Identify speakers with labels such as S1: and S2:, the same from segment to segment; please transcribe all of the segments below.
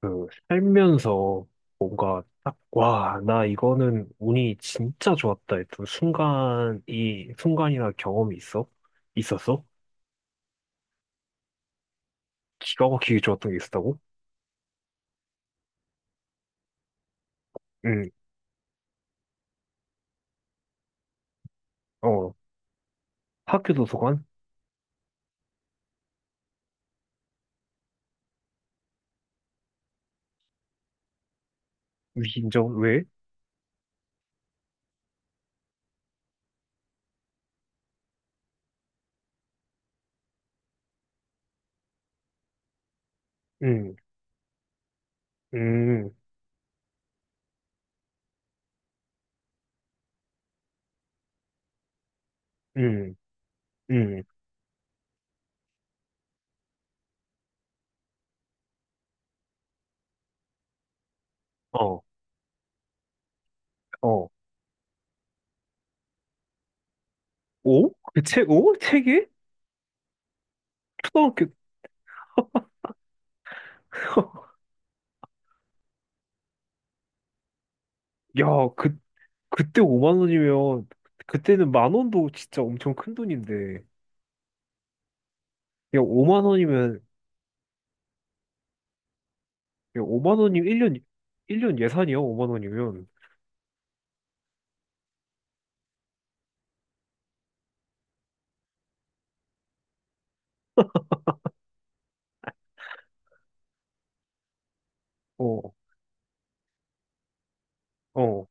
S1: 그 살면서 뭔가 딱, 와, 나 이거는 운이 진짜 좋았다 했던 순간이나 경험이 있어? 있었어? 기가 막히게 좋았던 게 있었다고? 응. 어. 학교 도서관? 위인전? 왜? 응, 응, 응, 응, 어, 어. 오? 그 책, 오? 책이? 초등학교, 야. 그, 그때 5만 원이면, 그때는 10,000원도 진짜 엄청 큰 돈인데, 야, 5만 원이면. 야, 5만 원이면 1년, 일년 예산이야, 5만 원이면. 어, 어.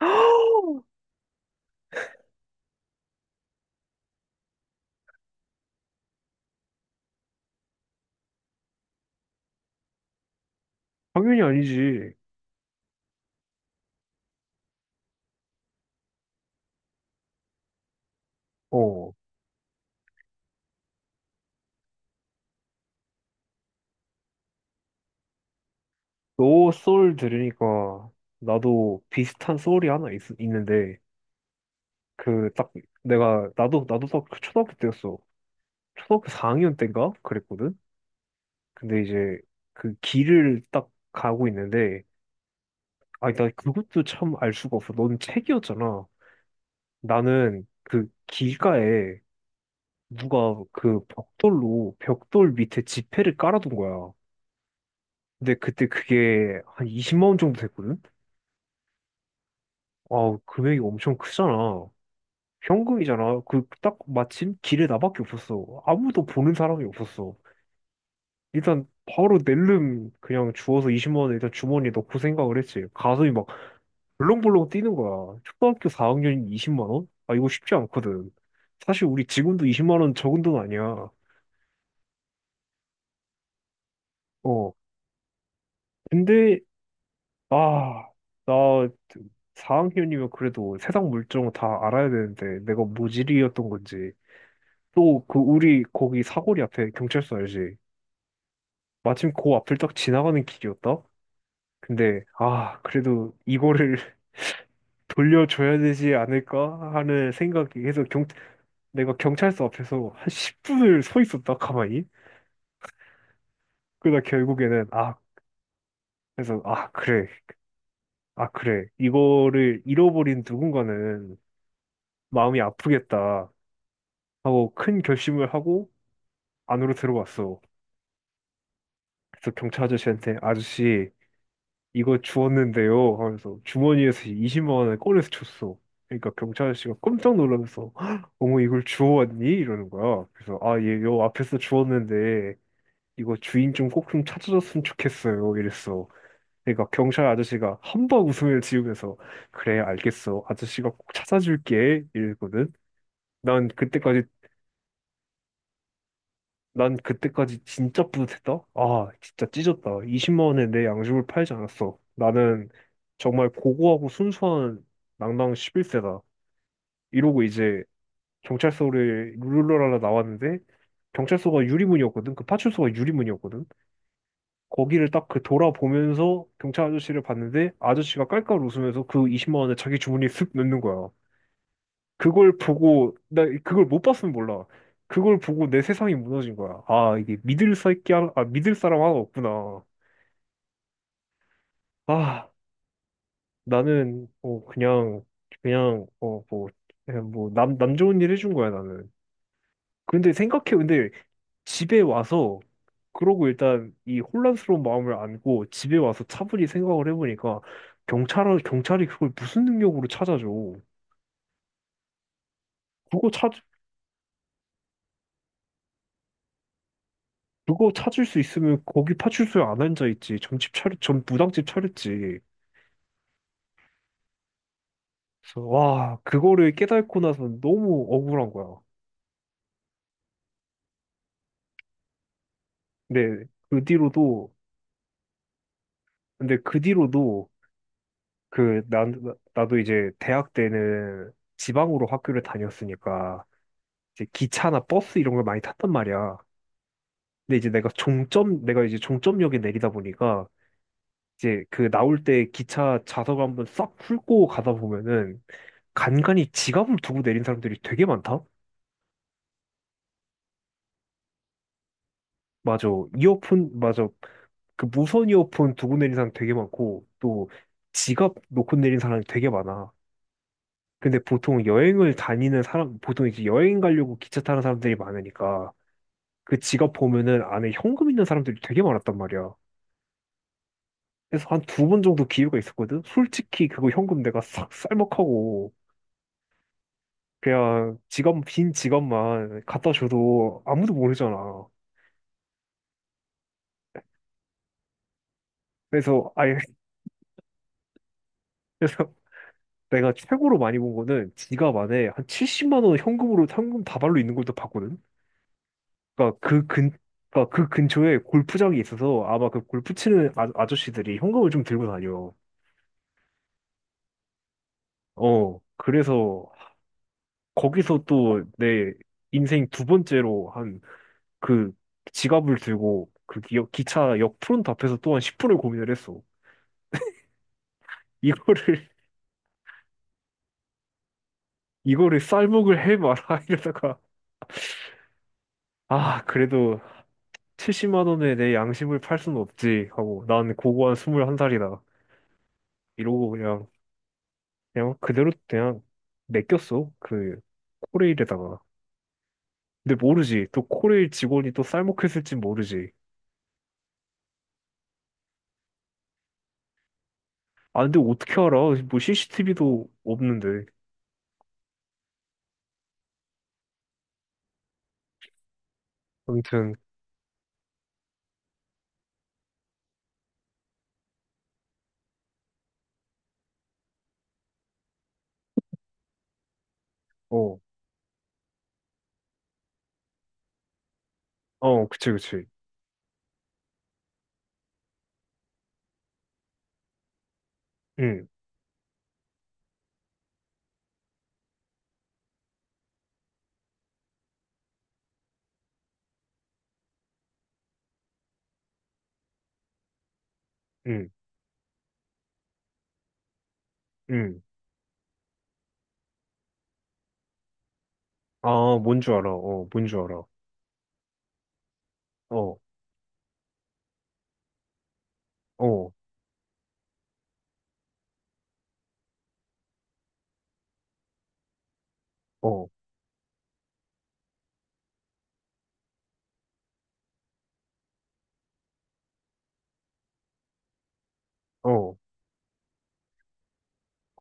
S1: 당연히 아니지. 어. 너 소울 들으니까 나도 비슷한 소울이 하나 있는데, 그, 딱, 나도 딱 그 초등학교 때였어. 초등학교 4학년 때인가? 그랬거든? 근데 이제 그 길을 딱 가고 있는데, 아니, 나 그것도 참 알 수가 없어. 넌 책이었잖아. 나는 그 길가에 누가 그 벽돌로 벽돌 밑에 지폐를 깔아둔 거야. 근데 그때 그게 한 20만 원 정도 됐거든? 아, 금액이 엄청 크잖아. 현금이잖아. 그 딱 마침 길에 나밖에 없었어. 아무도 보는 사람이 없었어. 일단 바로 낼름 그냥 주워서 20만 원을 일단 주머니에 넣고 생각을 했지. 가슴이 막 벌렁벌렁 뛰는 거야. 초등학교 4학년이 20만 원? 아, 이거 쉽지 않거든. 사실 우리 지금도 20만 원 적은 돈 아니야. 어. 근데 아, 나 4학년이면 그래도 세상 물정 다 알아야 되는데 내가 모질이었던 건지 또 그 우리 거기 사거리 앞에 경찰서 알지? 마침 그 앞을 딱 지나가는 길이었다? 근데 아 그래도 이거를 돌려줘야 되지 않을까 하는 생각이 해서 경 내가 경찰서 앞에서 한 10분을 서 있었다 가만히. 그러다 결국에는 아 그래서 아 그래 아 그래 이거를 잃어버린 누군가는 마음이 아프겠다 하고 큰 결심을 하고 안으로 들어왔어. 그래서 경찰 아저씨한테 아저씨 이거 주웠는데요 하면서 주머니에서 20만 원을 꺼내서 줬어. 그러니까 경찰 아저씨가 깜짝 놀라면서 "헉, 어머 이걸 주워왔니? 이러는 거야. 그래서 아 예 요 앞에서 주웠는데 이거 주인 좀 꼭 좀 찾아줬으면 좋겠어요 이랬어. 그러니까 경찰 아저씨가 함박 웃음을 지으면서 그래 알겠어 아저씨가 꼭 찾아줄게 이랬거든. 난 그때까지 난 그때까지 진짜 뿌듯했다. 아, 진짜 찢었다. 20만 원에 내 양심을 팔지 않았어. 나는 정말 고고하고 순수한 낭낭 11세다. 이러고 이제 경찰서를 룰루랄라 나왔는데 경찰서가 유리문이었거든. 그 파출소가 유리문이었거든. 거기를 딱 그 돌아보면서 경찰 아저씨를 봤는데 아저씨가 깔깔 웃으면서 그 20만 원을 자기 주머니에 쓱 넣는 거야. 그걸 보고, 나 그걸 못 봤으면 몰라. 그걸 보고 내 세상이 무너진 거야. 아, 이게 믿을 새끼 하나, 아, 믿을 사람 하나 없구나. 아, 나는, 어, 그냥, 그냥, 어, 뭐, 그냥 뭐, 남, 남 좋은 일 해준 거야, 나는. 근데 생각해, 근데 집에 와서, 그러고 일단 이 혼란스러운 마음을 안고 집에 와서 차분히 생각을 해보니까 경찰이 그걸 무슨 능력으로 찾아줘. 그거 찾, 그거 찾을 수 있으면 거기 파출소에 안 앉아있지. 점 무당집 차렸지. 그래서 와, 그거를 깨닫고 나서 너무 억울한 거야. 근데 그 뒤로도, 근데 그 뒤로도 나도 이제 대학 때는 지방으로 학교를 다녔으니까 이제 기차나 버스 이런 걸 많이 탔단 말이야. 근데 이제 내가 종점, 내가 이제 종점역에 내리다 보니까 이제 그 나올 때 기차 좌석 한번 싹 훑고 가다 보면은 간간이 지갑을 두고 내린 사람들이 되게 많다. 맞아. 이어폰, 맞아. 그 무선 이어폰 두고 내린 사람 되게 많고, 또 지갑 놓고 내린 사람이 되게 많아. 근데 보통 여행을 다니는 사람, 보통 이제 여행 가려고 기차 타는 사람들이 많으니까, 그 지갑 보면은 안에 현금 있는 사람들이 되게 많았단 말이야. 그래서 한 두 번 정도 기회가 있었거든? 솔직히 그거 현금 내가 싹 쌀먹하고, 그냥 지갑, 빈 지갑만 갖다 줘도 아무도 모르잖아. 그래서, 아예, 내가 최고로 많이 본 거는 지갑 안에 한 70만 원 현금으로 현금 다발로 있는 걸도 봤거든. 그러니까 그 근, 그러니까 그 근처에 골프장이 있어서 아마 그 골프 치는 아, 아저씨들이 현금을 좀 들고 다녀. 어, 그래서 거기서 또 내 인생 두 번째로 한 그 지갑을 들고 그 기차 역 프론트 앞에서 또 한 10분을 고민을 했어. 이거를 이거를 쌀먹을 해 말아 이러다가 아 그래도 70만 원에 내 양심을 팔 수는 없지 하고 난 고고한 21살이다 이러고 그냥 그대로 그냥 맡겼어 그 코레일에다가. 근데 모르지 또 코레일 직원이 또 쌀먹했을진 모르지. 아 근데 어떻게 알아 뭐 CCTV도 없는데. 아무튼. 어. 어. 그치, 그치. 응응 응. 아 뭔 줄 알아. 어 뭔 줄 알아. 어. 어. 어. 어.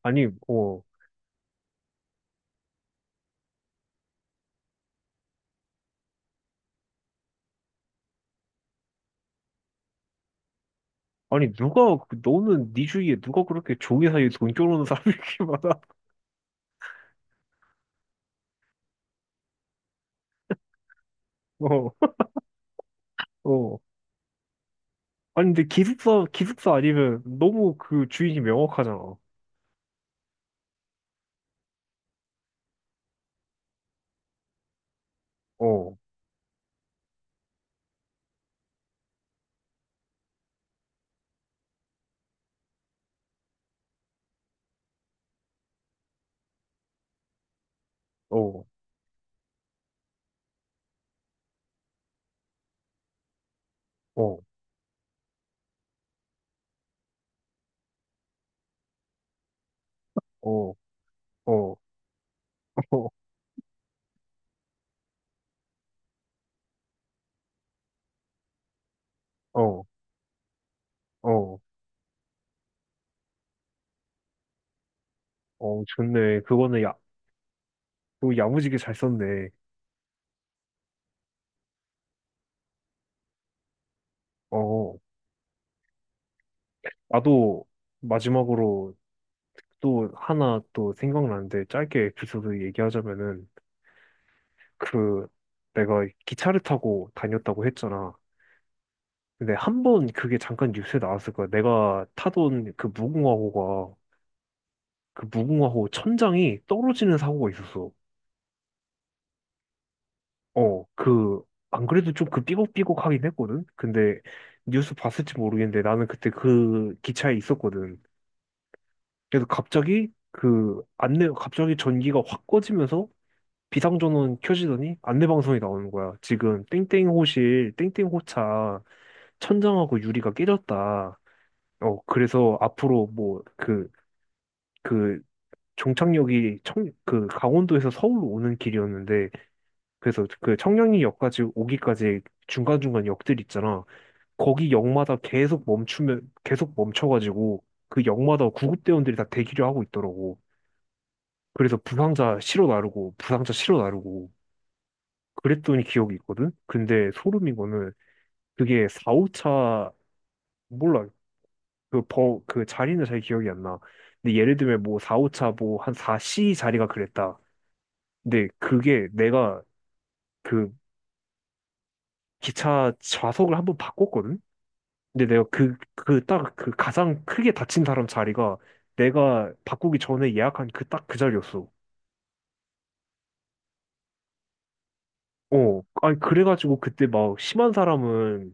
S1: 아니 어. 아니 누가 그- 너는 네 주위에 누가 그렇게 종이 사이에 돈 쪼르는 사람이 이렇게 많아? 어, 어. 아니 근데 기숙사 아니면 너무 그 주인이 명확하잖아. 어, 어, 어, 어, 어, 어, 어, 어, 어, 어, 좋네. 그거는 야, 또 야무지게 잘 썼네. 어, 나도 마지막으로 또 하나 또 생각나는데 짧게 에피소드 얘기하자면은 그 내가 기차를 타고 다녔다고 했잖아. 근데 한 번 그게 잠깐 뉴스에 나왔을 거야. 내가 타던 그 무궁화호가 그 무궁화호 천장이 떨어지는 사고가 있었어. 어, 그 안 그래도 좀 그 삐걱삐걱하긴 했거든. 근데 뉴스 봤을지 모르겠는데 나는 그때 그 기차에 있었거든. 그래서 갑자기 그 안내 갑자기 전기가 확 꺼지면서 비상전원 켜지더니 안내 방송이 나오는 거야. 지금 땡땡 호실 땡땡 호차 천장하고 유리가 깨졌다. 어, 그래서 앞으로 뭐, 그, 그 종착역이 청, 그 강원도에서 서울로 오는 길이었는데 그래서 그 청량리역까지 오기까지 중간중간 역들 있잖아. 거기 역마다 계속 멈추면 계속 멈춰가지고 그 역마다 구급대원들이 다 대기를 하고 있더라고. 그래서 부상자 실어 나르고 부상자 실어 나르고 그랬더니 기억이 있거든. 근데 소름인 거는 그게 4, 오차 몰라. 그 버, 그 자리는 잘 기억이 안 나. 근데 예를 들면 뭐 4, 오차 뭐 한 4C 자리가 그랬다. 근데 그게 내가 그 기차 좌석을 한번 바꿨거든? 근데 내가 딱 그 가장 크게 다친 사람 자리가 내가 바꾸기 전에 예약한 그 딱 그 자리였어. 어, 아니, 그래가지고 그때 막 심한 사람은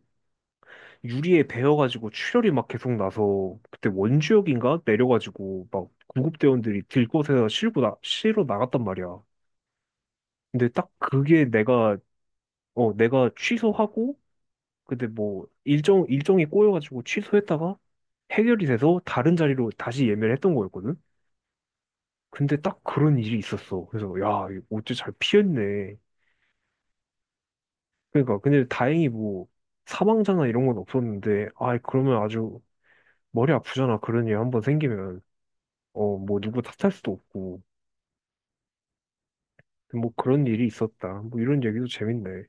S1: 유리에 베어가지고 출혈이 막 계속 나서 그때 원주역인가 내려가지고 막 구급대원들이 들곳에서 실어 나갔단 말이야. 근데 딱 그게 내가, 어, 내가 취소하고 근데 뭐 일정이 꼬여가지고 취소했다가 해결이 돼서 다른 자리로 다시 예매를 했던 거였거든. 근데 딱 그런 일이 있었어. 그래서 야, 이거 어째 잘 피했네. 그러니까 근데 다행히 뭐 사망자나 이런 건 없었는데 아 그러면 아주 머리 아프잖아. 그런 일 한번 생기면 어 뭐 누구 탓할 수도 없고 뭐 그런 일이 있었다. 뭐 이런 얘기도 재밌네.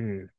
S1: 음.